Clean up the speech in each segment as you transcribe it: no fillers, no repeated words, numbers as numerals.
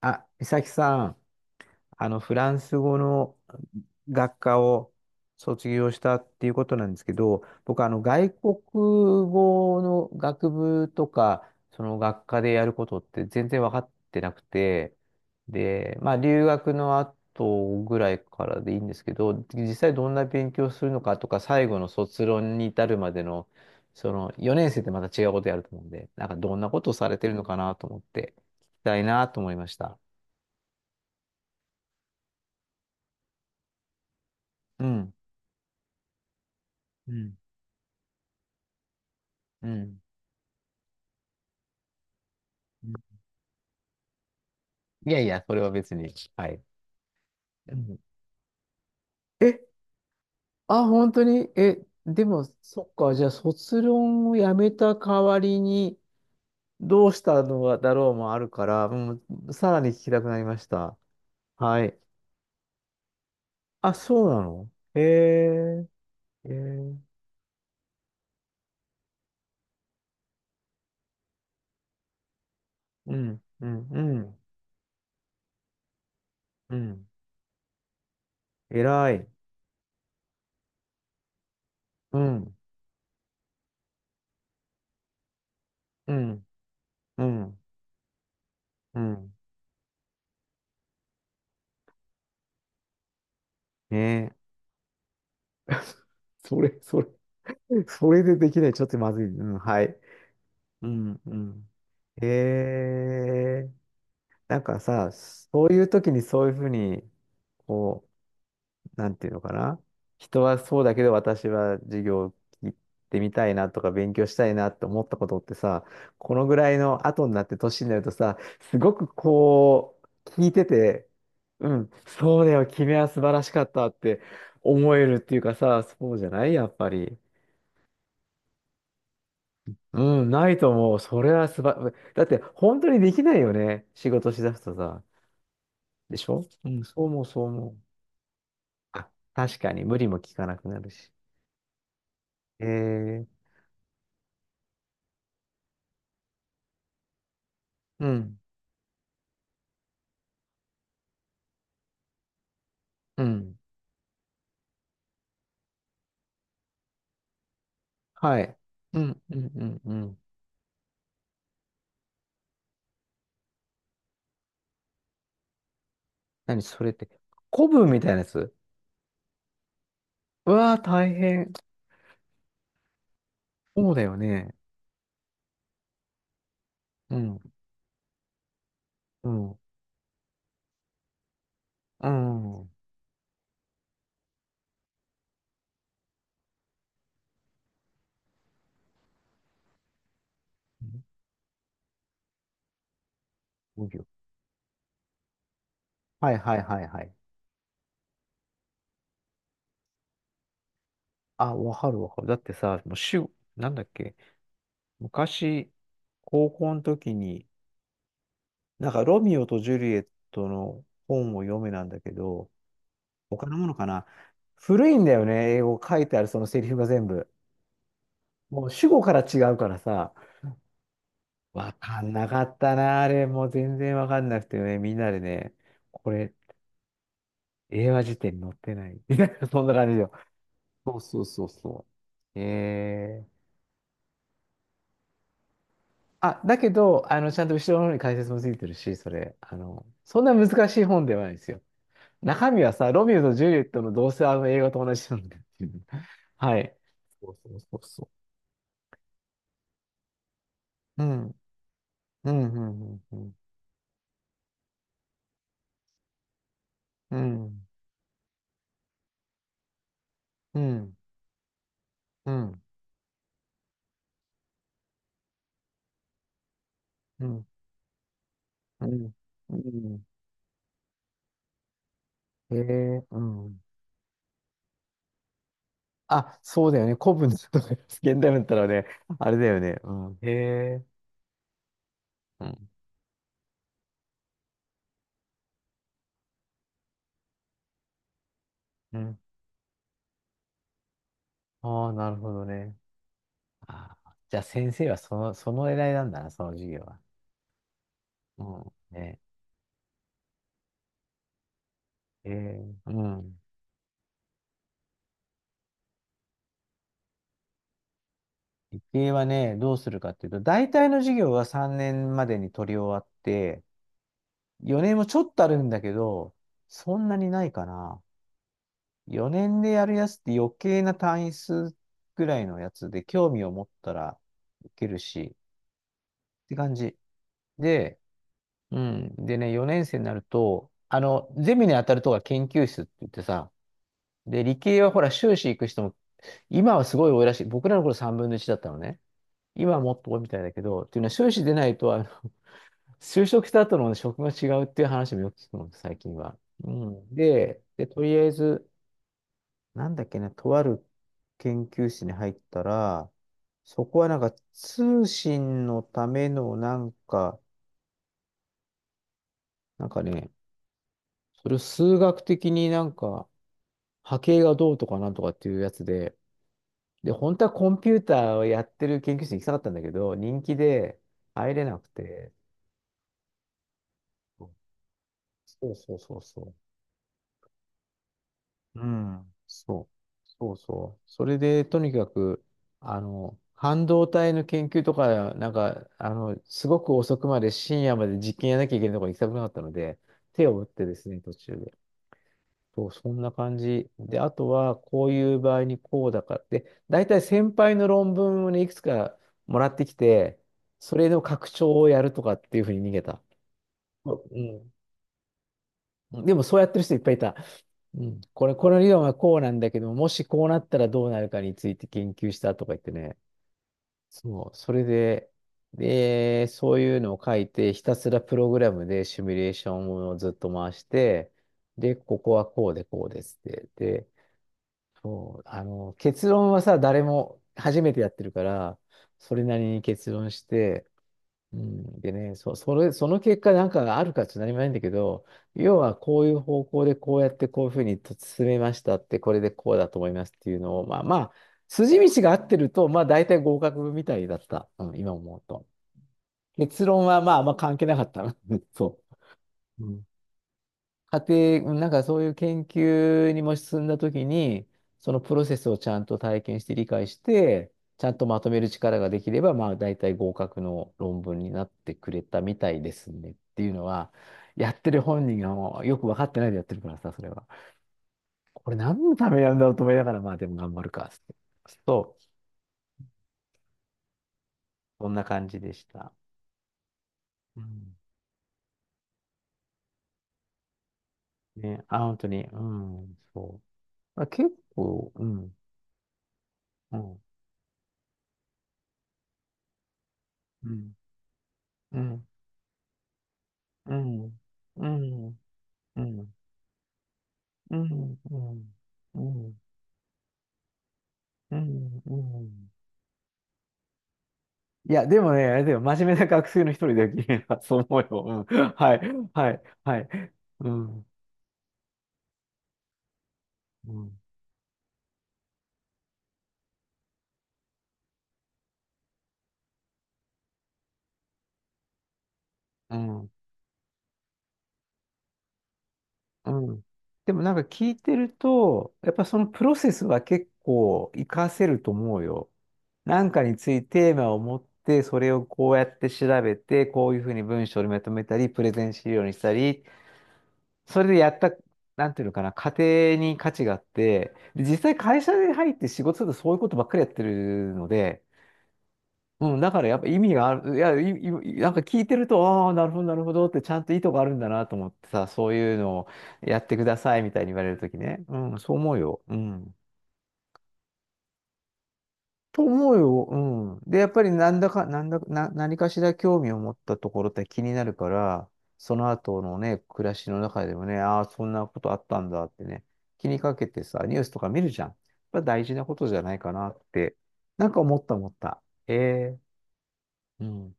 あ、美咲さん、フランス語の学科を卒業したっていうことなんですけど、僕、外国語の学部とか、その学科でやることって全然分かってなくて、で、まあ、留学の後ぐらいからでいいんですけど、実際どんな勉強するのかとか、最後の卒論に至るまでの、その4年生ってまた違うことやると思うんで、なんかどんなことをされてるのかなと思って、聞きたいなと思いました。うん、うん、うん。うん、いやいや、それは別に。はい。うん。え、あ、本当に、え、でも、そっか、じゃあ、卒論をやめた代わりに、どうしたのだろうもあるから、も、うん、さらに聞きたくなりました。はい。あ、そうなの、へえ、へえ、うん、うん、うん、うん。偉い。うん、うん、うん、うん。ねえ。それ、そそれでできない。ちょっとまずい。うん、はい。うん、うん。へえ、なんかさ、そういう時にそういうふうに、こう、なんていうのかな。人はそうだけど私は授業を聞いてみたいなとか勉強したいなって思ったことってさ、このぐらいの後になって年になるとさ、すごくこう、聞いてて、うん、そうだよ、君は素晴らしかったって思えるっていうかさ、そうじゃないやっぱり。うん、ないと思う。それはすば、だって本当にできないよね。仕事しだすとさ。でしょうん、そう思う、そう思う。あ、確かに無理も効かなくなるし。えー、うん、うん、はい。うん、うん、うん、うん。何それって、古文みたいなやつ。うわー、大変。そうだよね。うん、うん、うん。無病、はいはいはいはい。あ、わかるわかる。だってさ、もう主、なんだっけ、昔、高校の時に、なんか、ロミオとジュリエットの本を読めなんだけど、他のものかな。古いんだよね、英語書いてあるそのセリフが全部。もう主語から違うからさ、わかんなかったな、あれ。もう全然わかんなくてね、みんなでね、これ、英和辞典に載ってない。みたいなそんな感じよ。そうそうそうそう。えー。あ、だけど、ちゃんと後ろの方に解説もついてるし、それ、そんな難しい本ではないですよ。中身はさ、ロミオとジュリエットのどうせあの映画と同じなんだっていう。はい。そうそうそうそう。うん。うん、うん、うん、うん。うん、うん、うん、うん。うん、へえ、うん。あ、そうだよね。古文とか、現代文だったらね、あれだよね。うん。へえ、うん、うん。ああ、なるほどね。あー、じゃあ先生はその、その狙いなんだな、その授業は。うん。ね。へえ、うん。理系はね、どうするかっていうと、大体の授業は3年までに取り終わって、4年もちょっとあるんだけど、そんなにないかな。4年でやるやつって余計な単位数ぐらいのやつで、興味を持ったらいけるし、って感じ。で、うん。でね、4年生になると、ゼミに当たるとが研究室って言ってさ、で、理系はほら、修士行く人も、今はすごい多いらしい。僕らの頃3分の1だったのね。今はもっと多いみたいだけど、っていうのは修士出ないと、あの、就職した後の職が違うっていう話もよく聞くの、最近は。うん。で、で、とりあえず、なんだっけな、とある研究室に入ったら、そこはなんか通信のためのなんか、なんかね、それを数学的になんか波形がどうとかなんとかっていうやつで、で、本当はコンピューターをやってる研究室に行きたかったんだけど、人気で入れなくて、そうそうそうそう。うん、そう、そうそう。それで、とにかく、半導体の研究とか、なんか、すごく遅くまで深夜まで実験やらなきゃいけないところに行きたくなかったので、手を打ってですね、途中で。そう、そんな感じ。で、あとは、こういう場合にこうだから。で、大体先輩の論文をね、いくつかもらってきて、それの拡張をやるとかっていうふうに逃げた。うん。でも、そうやってる人いっぱいいた。うん。これ、この理論はこうなんだけども、し、こうなったらどうなるかについて研究したとか言ってね。そう。それで、で、そういうのを書いて、ひたすらプログラムでシミュレーションをずっと回して、で、ここはこうでこうですって。で、そう、結論はさ、誰も初めてやってるから、それなりに結論して、うん、でね、その結果なんかがあるかちょっと何もないんだけど、要はこういう方向でこうやってこういうふうに進めましたって、これでこうだと思いますっていうのを、まあまあ、筋道が合ってると、まあ大体合格みたいだった。うん、今思うと。結論はまああんま関係なかったな。そう。うん、家庭、なんかそういう研究にも進んだときに、そのプロセスをちゃんと体験して理解して、ちゃんとまとめる力ができれば、まあ大体合格の論文になってくれたみたいですねっていうのは、やってる本人がもうよく分かってないでやってるからさ、それは。これ何のためなんだろうと思いながら、まあでも頑張るかっつって。そう、こんな感じでした。うん。ね、あ、本当に、うん、そう。あ、結構、うん、うん、うん、うん、うん。うん、うん、うん、うん、うん、うん、うん。いや、でもね、あれだよ、真面目な学生の一人だよ、君は。そう思うよ。うん。はい、はい、はい。うん、うん、うん、うん。でもなんか聞いてると、やっぱそのプロセスは結構活かせると思うよ。なんかについてテーマを持って、それをこうやって調べて、こういうふうに文章にまとめたり、プレゼン資料にしたり、それでやった、なんていうのかな、家庭に価値があって、で実際会社に入って仕事するとそういうことばっかりやってるので、うん、だからやっぱ意味がある、いや、い、いなんか聞いてると、ああ、なるほど、なるほどって、ちゃんと意図があるんだなと思ってさ、そういうのをやってくださいみたいに言われるときね。うん、そう思うよ。うん。と思うよ。うん。で、やっぱりなんだか、なんだ、な、何かしら興味を持ったところって気になるから、その後のね、暮らしの中でもね、ああ、そんなことあったんだってね、気にかけてさ、ニュースとか見るじゃん。やっぱ大事なことじゃないかなって、なんか思った思った。ええ、うん。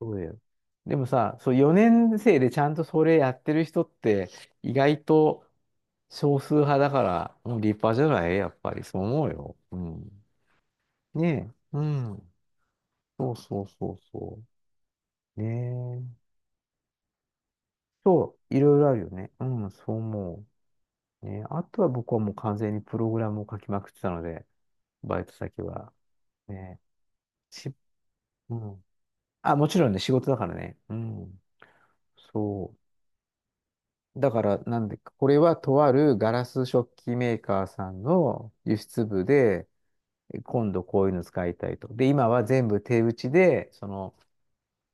そうだよ。でもさ、そう4年生でちゃんとそれやってる人って意外と少数派だから、もう立派じゃないやっぱりそう思うよ。うん。ねえ。うん。そうそうそうそう。ねえ。そう、いろいろあるよね。うん、そう思う。ねえ、あとは僕はもう完全にプログラムを書きまくってたので、バイト先は。ねえ。し、うん。あ、もちろんね、仕事だからね。うん。そう。だから、なんで、これはとあるガラス食器メーカーさんの輸出部で、今度こういうの使いたいと。で、今は全部手打ちで、その、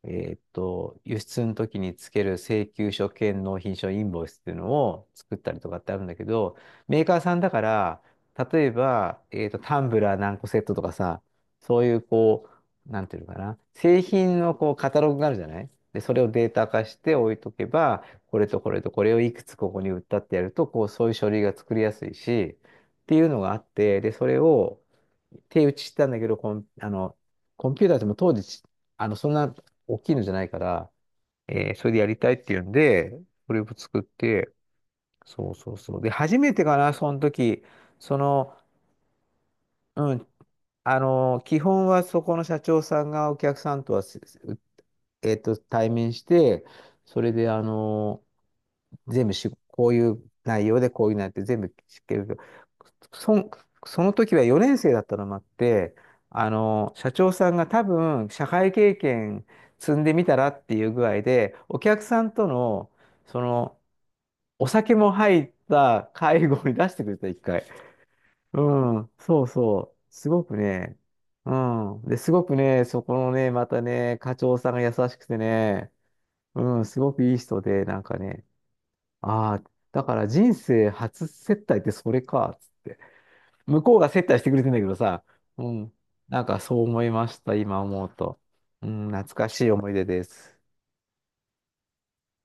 輸出の時につける請求書兼納品書インボイスっていうのを作ったりとかってあるんだけど、メーカーさんだから、例えば、タンブラー何個セットとかさ、そういうこう、なんていうのかな、製品のこうカタログがあるじゃないで、それをデータ化して置いとけば、これとこれとこれをいくつここに売ったってやると、こう、そういう書類が作りやすいし、っていうのがあって、で、それを手打ちしたんだけど、コン、コンピューターでも当時、あの、そんな大きいのじゃないから、えー、それでやりたいっていうんで、これを作って、そうそうそう。で、初めてかな、その時、その、うん、基本はそこの社長さんがお客さんとは、すす、えっと、対面して、それで、全部し、こういう内容でこういう内容って全部知ってるけど、そん、その時は4年生だったのもあって、社長さんが多分社会経験積んでみたらっていう具合で、お客さんとの、その、お酒も入った会合に出してくれた、一回。うん、そうそう。すごくね、うん。で、すごくね、そこのね、またね、課長さんが優しくてね、うん、すごくいい人で、なんかね、ああ、だから人生初接待ってそれか、つって。向こうが接待してくれてんだけどさ、うん。なんかそう思いました、今思うと。うん、懐かしい思い出です。